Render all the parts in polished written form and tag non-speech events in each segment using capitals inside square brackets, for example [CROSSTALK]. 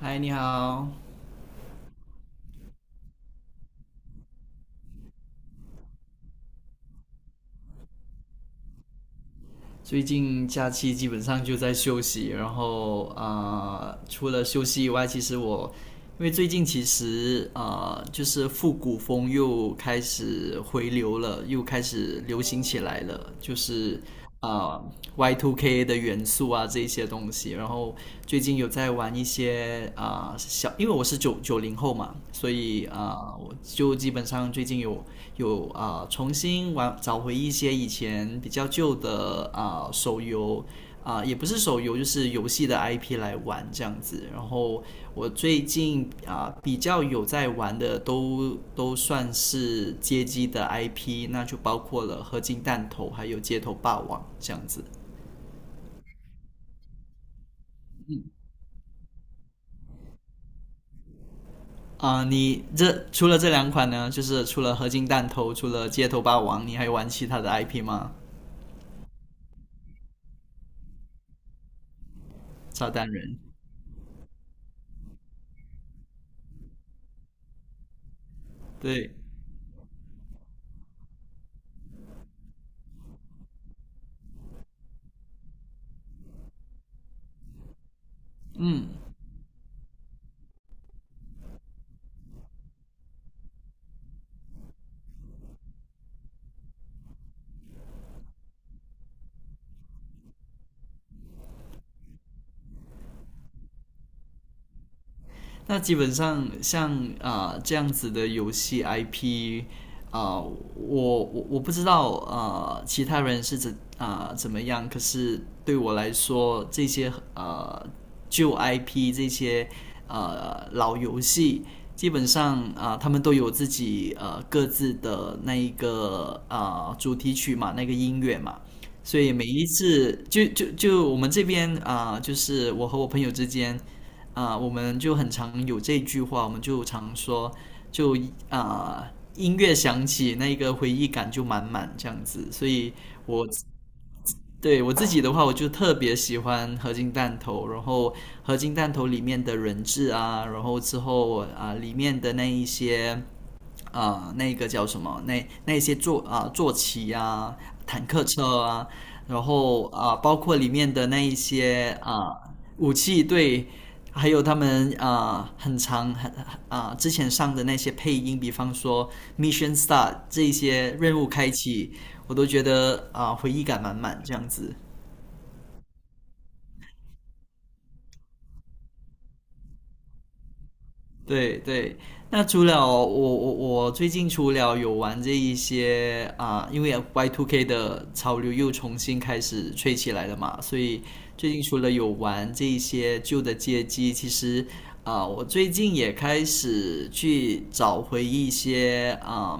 嗨，你好。最近假期基本上就在休息，然后除了休息以外，其实我因为最近其实就是复古风又开始回流了，又开始流行起来了，就是呃 Y2K 的元素啊这一些东西。然后最近有在玩一些啊、呃小，因为我是九零后嘛，所以我就基本上最近。有。有啊、呃重新玩找回一些以前比较旧的手游,也不是手游，就是游戏的 IP 来玩这样子。然后我最近比较有在玩的都算是街机的 IP,那就包括了《合金弹头》还有《街头霸王》这样子。你这除了这两款呢，就是除了合金弹头，除了街头霸王，你还玩其他的 IP 吗？炸弹人，对。那基本上像这样子的游戏 IP, 啊、呃我我我不知道其他人是怎么样，可是对我来说这些旧 IP 这些老游戏。基本上他们都有自己各自的那一个主题曲嘛，那个音乐嘛，所以每一次就我们这边就是我和我朋友之间我们就很常有这句话，我们就常说，就音乐响起，那个回忆感就满满这样子。所以我对我自己的话，我就特别喜欢合金弹头，然后合金弹头里面的人质啊，然后之后里面的那一些啊，那个叫什么那些坐骑啊、坦克车啊，然后包括里面的那一些武器对。还有他们啊、呃很长很啊、呃之前上的那些配音，比方说 Mission Start 这一些任务开启，我都觉得回忆感满满这样子。对对，那除了我最近除了有玩这一些啊、因为 Y2K 的潮流又重新开始吹起来了嘛，所以最近除了有玩这一些旧的街机，其实我最近也开始去找回一些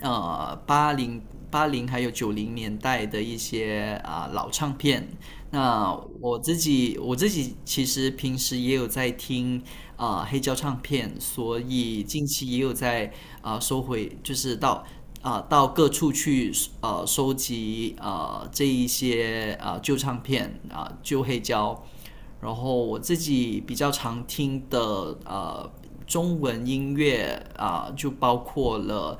呃八零八零还有90年代的一些啊、老唱片。那我自己其实平时也有在听啊、黑胶唱片，所以近期也有在收回，就是到到各处去收集啊、这一些啊、旧唱片啊、旧黑胶。然后我自己比较常听的呃中文音乐就包括了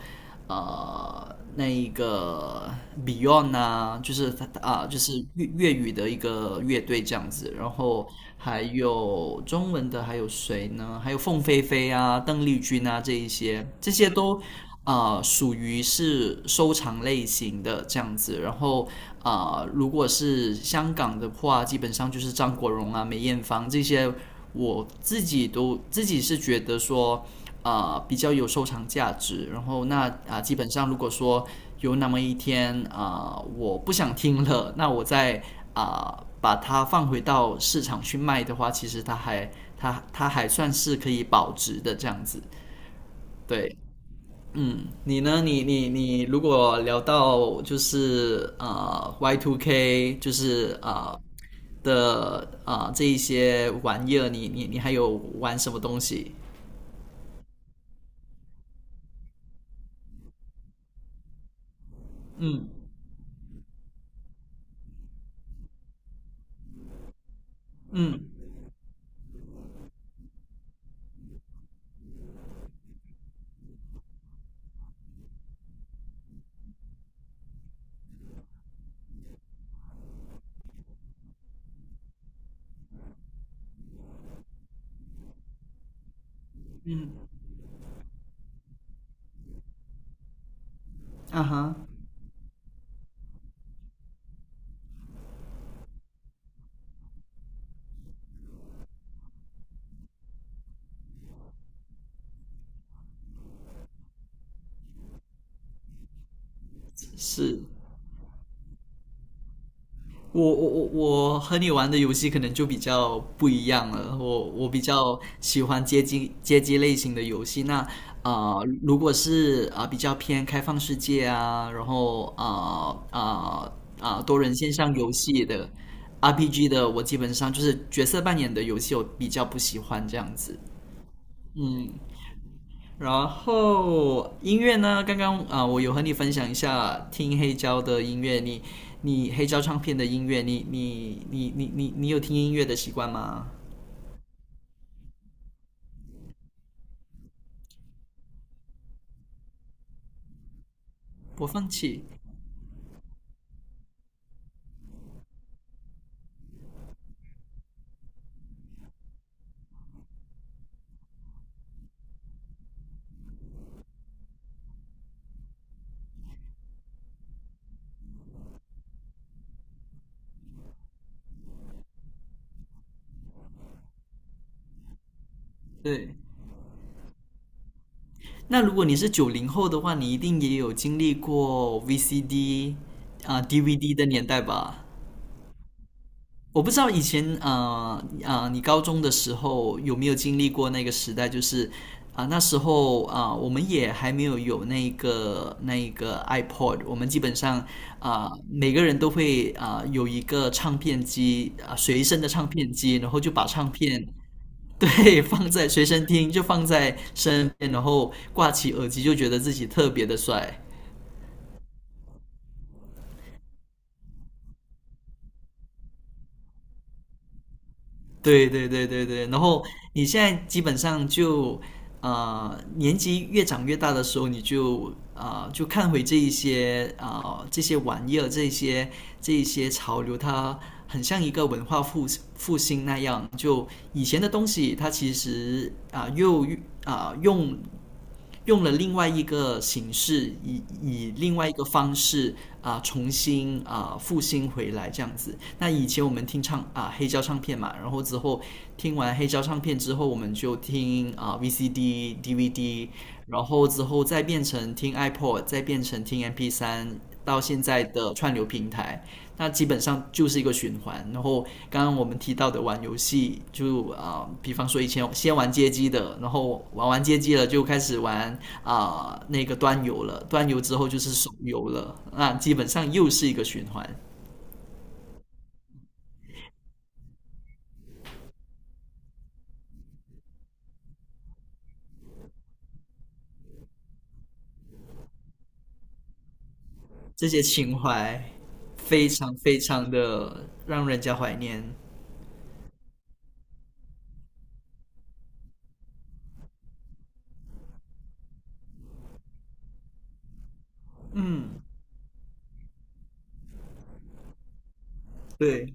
呃那一个 Beyond 啊，就是他啊、就是粤语的一个乐队这样子，然后还有中文的还有谁呢？还有凤飞飞啊、邓丽君啊这一些，这些都。啊属于是收藏类型的这样子，然后。如果是香港的话，基本上就是张国荣啊、梅艳芳这些，我自己是觉得说，比较有收藏价值。然后那基本上如果说有那么一天我不想听了，那我再把它放回到市场去卖的话，其实它还它还算是可以保值的这样子。对，嗯，你呢？你，如果聊到就是Y t K,就是呃的呃这一些玩意儿，你还有玩什么东西？嗯嗯，啊哈，是我我我我和你玩的游戏可能就比较不一样了，我比较喜欢街机类型的游戏。那啊，如果是比较偏开放世界啊，然后多人线上游戏的 RPG 的，我基本上就是角色扮演的游戏，我比较不喜欢这样子。嗯，然后音乐呢？刚刚我有和你分享一下听黑胶的音乐，你黑胶唱片的音乐，你有听音乐的习惯吗？播放器，对。那如果你是九零后的话，你一定也有经历过 VCD 啊、DVD 的年代吧？我不知道以前，你高中的时候有没有经历过那个时代？就是那时候我们也还没有那个 iPod,我们基本上每个人都会有一个唱片机随身的唱片机，然后就把唱片对 [LAUGHS] 放在随身听，就放在身边，然后挂起耳机，就觉得自己特别的帅。对对对对对，然后你现在基本上就，年纪越长越大的时候，你就就看回这一些这些玩意儿，这一些潮流，它很像一个文化复兴那样。就以前的东西，它其实用用了另外一个形式，以另外一个方式重新复兴回来这样子。那以前我们听黑胶唱片嘛，然后之后听完黑胶唱片之后，我们就听啊、VCD、DVD,然后之后再变成听 iPod,再变成听 MP3,到现在的串流平台。那基本上就是一个循环。然后刚刚我们提到的玩游戏，就比方说以前先玩街机的，然后玩完街机了就开始玩那个端游了，端游之后就是手游了，那基本上又是一个循环。这些情怀非常非常的让人家怀念。嗯，对。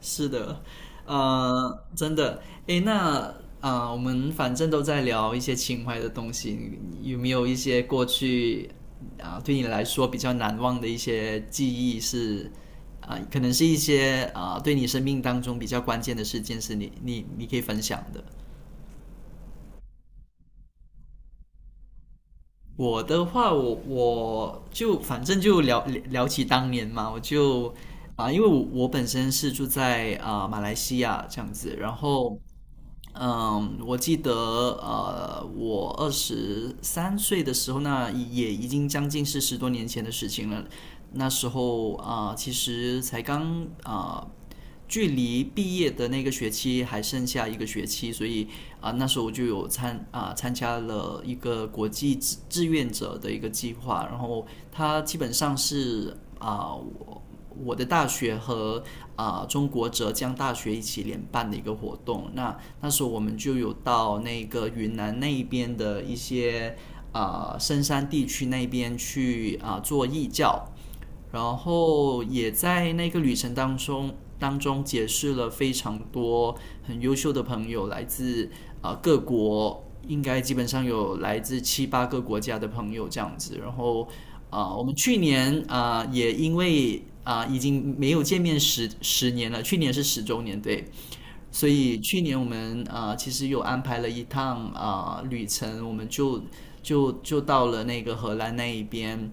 是的，真的，诶，那我们反正都在聊一些情怀的东西，你有没有一些过去对你来说比较难忘的一些记忆是可能是一些啊、对你生命当中比较关键的事件，是你可以分享的。我的话，我就反正就聊起当年嘛，我就因为我本身是住在啊、马来西亚这样子，然后。嗯，我记得我23岁的时候呢，那也已经将近是十多年前的事情了。那时候其实才刚距离毕业的那个学期还剩下一个学期，所以那时候我就有参啊、呃参加了一个国际志愿者的一个计划，然后它基本上是我的大学和中国浙江大学一起联办的一个活动。啊，那时候我们就有到那个云南那一边的一些啊深山地区那边去啊做义教，然后也在那个旅程当中结识了非常多很优秀的朋友，来自啊各国，应该基本上有来自七八个国家的朋友这样子，然后。啊，我们去年啊也因为啊已经没有见面十年了，去年是十周年，对。所以去年我们其实有安排了一趟旅程，我们就到了那个荷兰那一边。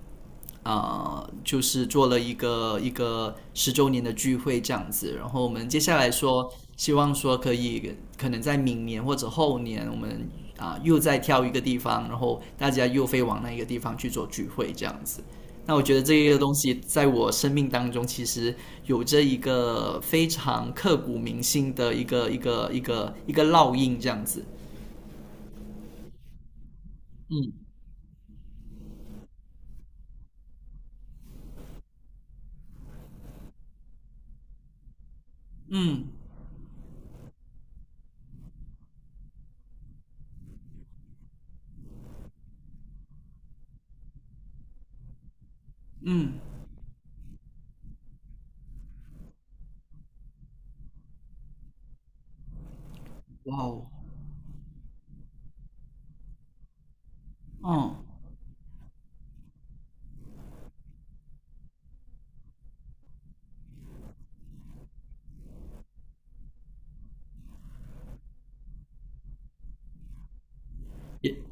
啊、就是做了一个十周年的聚会这样子。然后我们接下来说，希望说可以可能在明年或者后年，我们啊、又再挑一个地方，然后大家又飞往那一个地方去做聚会这样子。那我觉得这个东西在我生命当中其实有着一个非常刻骨铭心的一个烙印这样子。嗯，哇哦，嗯，也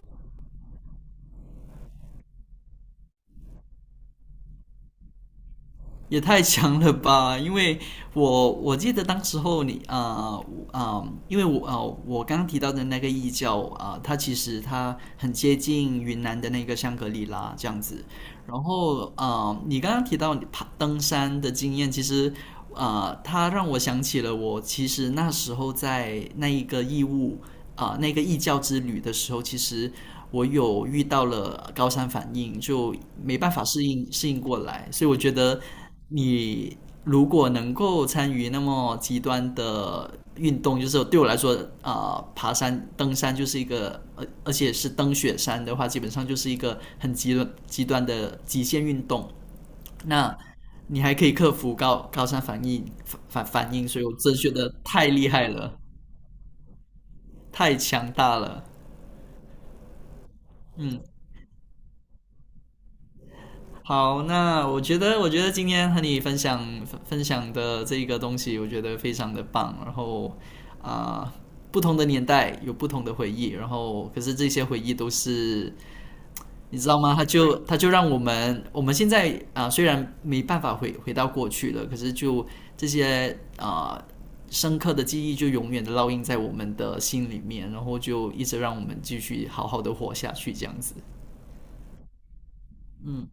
也太强了吧！因为我记得当时候你因为我我刚刚提到的那个异教它其实它很接近云南的那个香格里拉这样子。然后你刚刚提到你爬登山的经验，其实它让我想起了我其实那时候在那一个义务那个异教之旅的时候，其实我有遇到了高山反应，就没办法适应过来，所以我觉得。你如果能够参与那么极端的运动，就是对我来说，爬山、登山就是一个，而且是登雪山的话，基本上就是一个很极端的极限运动。那你还可以克服高山反应，所以我真觉得太厉害了，太强大了。嗯。好，那我觉得，我觉得今天和你分享的这个东西，我觉得非常的棒。然后啊、呃不同的年代有不同的回忆，然后可是这些回忆都是，你知道吗？它就让我们现在虽然没办法回到过去了，可是就这些啊、呃深刻的记忆就永远的烙印在我们的心里面，然后就一直让我们继续好好的活下去，这样子。嗯。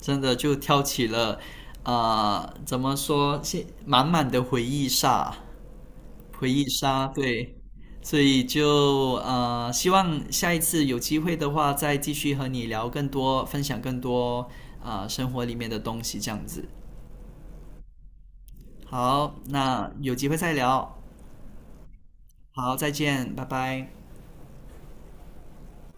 真的就挑起了，啊，怎么说，现满满的回忆杀，回忆杀，对，所以就希望下一次有机会的话，再继续和你聊更多，分享更多生活里面的东西，这样子。好，那有机会再聊。好，再见，拜拜。